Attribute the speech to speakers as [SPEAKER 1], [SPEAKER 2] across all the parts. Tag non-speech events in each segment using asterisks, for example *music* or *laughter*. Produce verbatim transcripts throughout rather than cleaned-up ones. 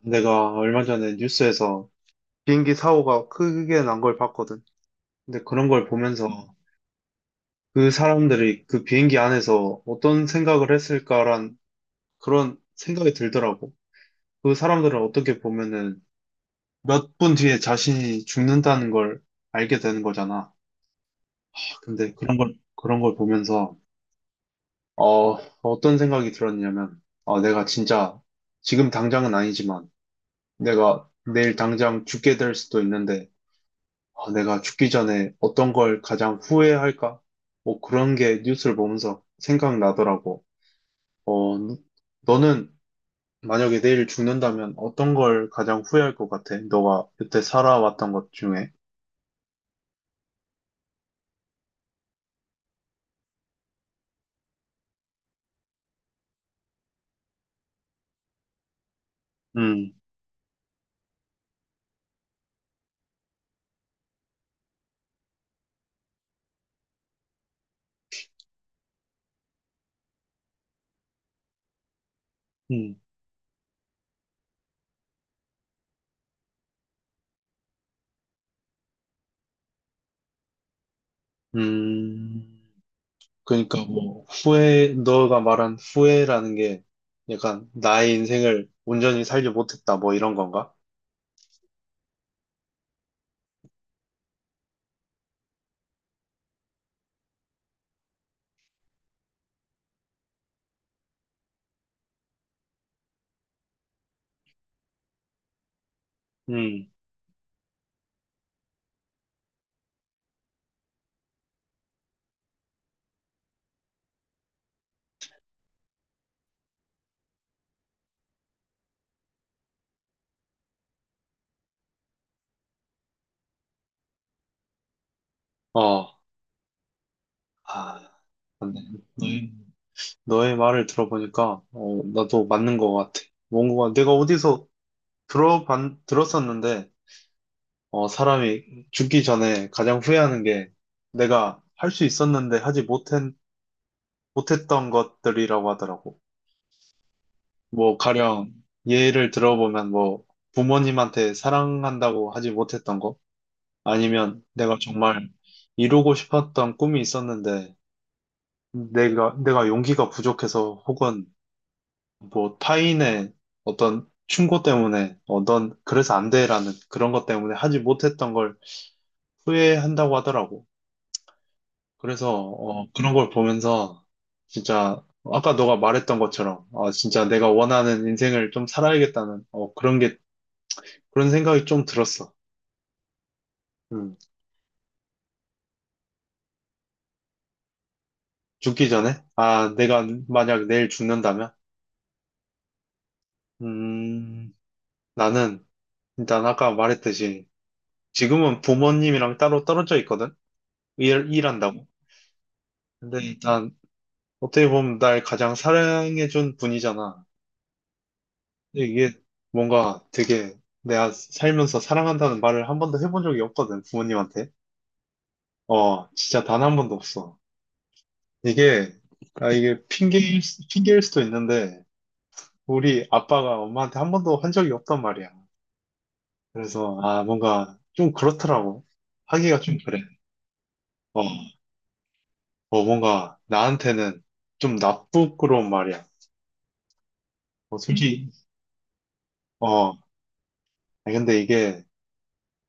[SPEAKER 1] 내가 얼마 전에 뉴스에서 비행기 사고가 크게 난 걸 봤거든. 근데 그런 걸 보면서 그 사람들이 그 비행기 안에서 어떤 생각을 했을까란 그런 생각이 들더라고. 그 사람들은 어떻게 보면은 몇 분 뒤에 자신이 죽는다는 걸 알게 되는 거잖아. 근데 그런 걸, 그런 걸 보면서, 어, 어떤 생각이 들었냐면, 어, 내가 진짜 지금 당장은 아니지만 내가 내일 당장 죽게 될 수도 있는데, 아, 내가 죽기 전에 어떤 걸 가장 후회할까? 뭐 그런 게 뉴스를 보면서 생각나더라고. 어, 너는 만약에 내일 죽는다면 어떤 걸 가장 후회할 것 같아? 너가 그때 살아왔던 것 중에. 음, 음, 음. 그러니까 뭐 후회, 너가 말한 후회라는 게 약간 나의 인생을 온전히 살지 못했다, 뭐 이런 건가? 음, 어, 아, 맞네. 너의 말을 들어보니까, 어, 나도 맞는 것 같아. 뭔가 내가 어디서 들어봤, 들었었는데, 어, 사람이 죽기 전에 가장 후회하는 게 내가 할 수 있었는데 하지 못했, 못했던 것들이라고 하더라고. 뭐, 가령 예를 들어보면 뭐, 부모님한테 사랑한다고 하지 못했던 거, 아니면 내가 정말 이루고 싶었던 꿈이 있었는데, 내가, 내가 용기가 부족해서 혹은 뭐 타인의 어떤 충고 때문에 어, 넌 그래서 안 돼라는 그런 것 때문에 하지 못했던 걸 후회한다고 하더라고. 그래서 어, 그런 걸 보면서 진짜 아까 너가 말했던 것처럼, 아, 진짜 내가 원하는 인생을 좀 살아야겠다는 어, 그런 게 그런 생각이 좀 들었어. 음. 죽기 전에, 아, 내가 만약 내일 죽는다면, 음, 나는 일단 아까 말했듯이 지금은 부모님이랑 따로 떨어져 있거든. 일, 일한다고. 근데 일단 어떻게 보면 날 가장 사랑해준 분이잖아. 근데 이게 뭔가 되게 내가 살면서 사랑한다는 말을 한 번도 해본 적이 없거든, 부모님한테. 어, 진짜 단 한 번도 없어. 이게, 아, 이게 핑계일, 수- 핑계일 수도 있는데, 우리 아빠가 엄마한테 한 번도 한 적이 없단 말이야. 그래서, 아, 뭔가 좀 그렇더라고. 하기가 좀 그래. 어, 어, 뭔가 나한테는 좀 나쁘고 그런 말이야. 어, 솔직히, 어, 아니, 근데 이게,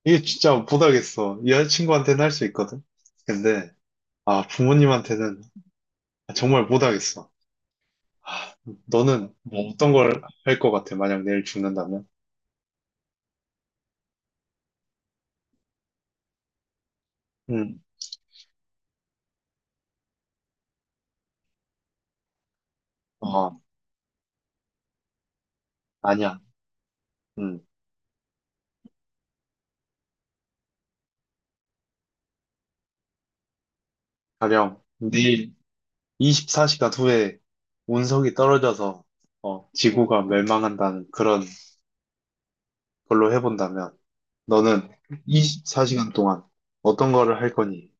[SPEAKER 1] 이게 진짜 못하겠어. 이 여자친구한테는 할 수 있거든. 근데, 아, 부모님한테는 정말 못하겠어. 아, 너는 뭐 어떤 걸 할 것 같아, 만약 내일 죽는다면? 응, 어, 아니야. 응, 가령 내일 이십사 시간 후에 운석이 떨어져서, 어, 지구가 멸망한다는 그런 걸로 해본다면, 너는 이십사 시간 동안 어떤 거를 할 거니?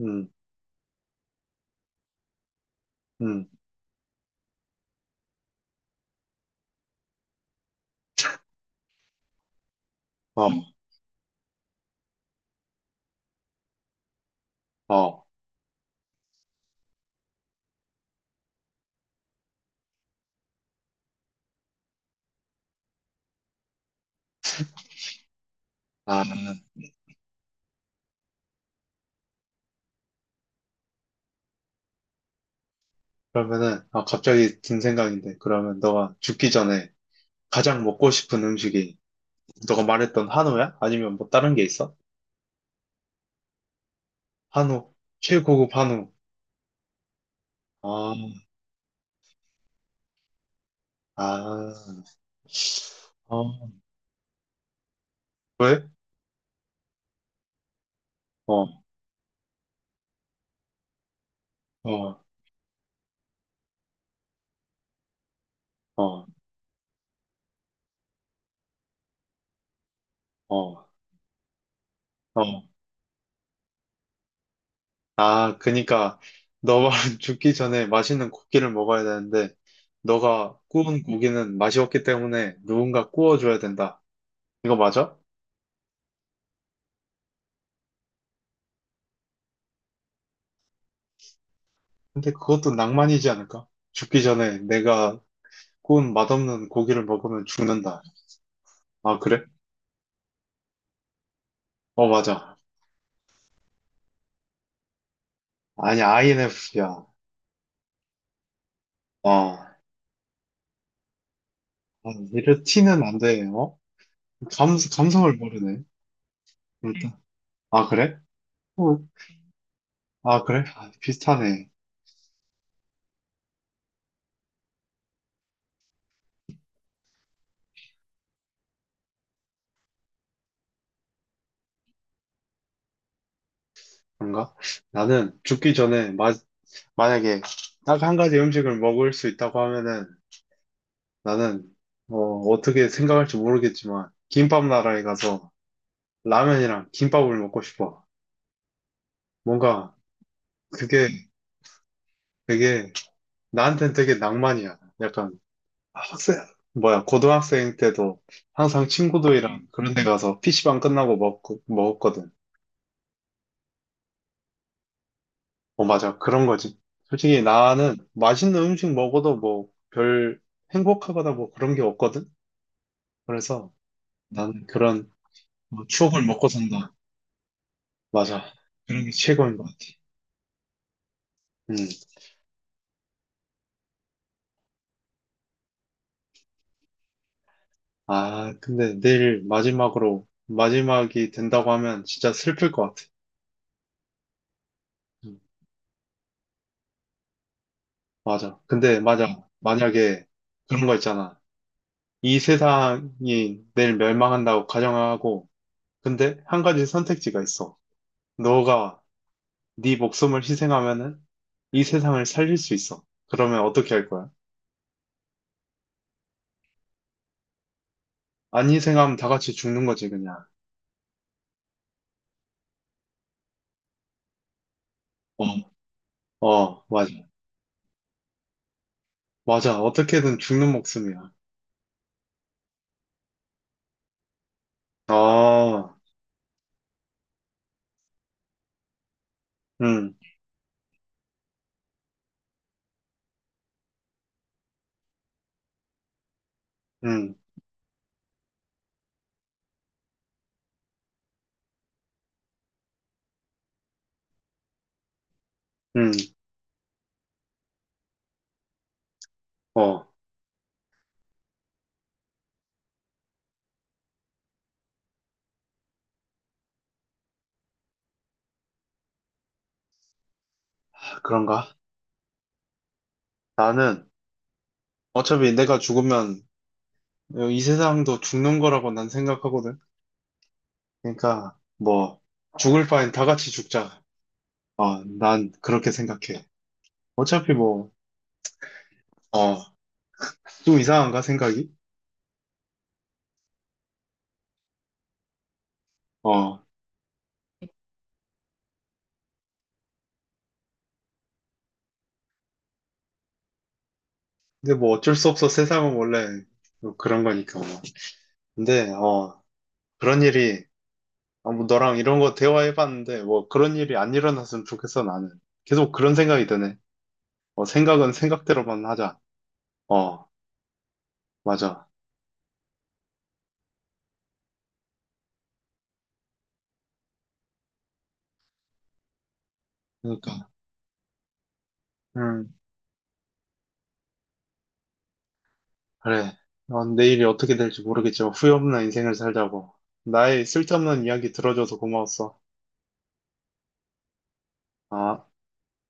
[SPEAKER 1] 응, 응, 어, 어, 아. 그러면은, 아, 갑자기 든 생각인데, 그러면 너가 죽기 전에 가장 먹고 싶은 음식이 너가 말했던 한우야? 아니면 뭐 다른 게 있어? 한우, 최고급 한우. 아, 아, 어, 왜? 어, 어, 어, 어, 어. 아, 그니까, 너 말은 *laughs* 죽기 전에 맛있는 고기를 먹어야 되는데, 너가 구운 고기는 맛이 없기 때문에 누군가 구워줘야 된다. 이거 맞아? 근데 그것도 낭만이지 않을까? 죽기 전에 내가 꼰 맛없는 고기를 먹으면 죽는다. 아, 그래? 어, 맞아. 아니, 아이엔에프피야. 어. 아, 아, 이래 티는 안 돼, 어? 감, 감성을 모르네. 일단. 아, 그래? 어. 아, 그래? 아, 비슷하네. 그런가? 나는 죽기 전에, 마, 만약에 딱 한 가지 음식을 먹을 수 있다고 하면은, 나는, 어, 어떻게 생각할지 모르겠지만, 김밥 나라에 가서 라면이랑 김밥을 먹고 싶어. 뭔가, 그게 되게, 나한텐 되게 낭만이야. 약간. 아, 학생, 뭐야, 고등학생 때도 항상 친구들이랑 그런 데 가서 피시방 끝나고 먹고, 먹었거든. 어, 맞아. 그런 거지. 솔직히 나는 맛있는 음식 먹어도 뭐 별 행복하거나 뭐 그런 게 없거든. 그래서 나는 그런 뭐 추억을 먹고 산다. 맞아. 그런 게 최고인 것 같아. 음. 아, 근데 내일 마지막으로, 마지막이 된다고 하면 진짜 슬플 것 같아. 음, 맞아. 근데 맞아. 만약에 그런 거 있잖아. 이 세상이 내일 멸망한다고 가정하고, 근데 한 가지 선택지가 있어. 너가 네 목숨을 희생하면은 이 세상을 살릴 수 있어. 그러면 어떻게 할 거야? 안 희생하면 다 같이 죽는 거지, 그냥. 어, 어, 맞아. 맞아. 어떻게든 죽는 목숨이야. 아, 음, 음, 음, 어, 그런가? 나는 어차피 내가 죽으면 이 세상도 죽는 거라고 난 생각하거든. 그러니까, 뭐, 죽을 바엔 다 같이 죽자. 어, 난 그렇게 생각해. 어차피 뭐, 어, 좀 이상한가 생각이? 어, 근데 뭐 어쩔 수 없어. 세상은 원래 뭐 그런 거니까 뭐. 근데, 어, 그런 일이, 아, 뭐 너랑 이런 거 대화해봤는데, 뭐 그런 일이 안 일어났으면 좋겠어, 나는. 계속 그런 생각이 드네. 어, 생각은 생각대로만 하자. 어. 맞아. 그러니까, 음, 그래. 어, 내일이 어떻게 될지 모르겠지만 후회 없는 인생을 살자고. 나의 쓸데없는 이야기 들어줘서 고마웠어. 아.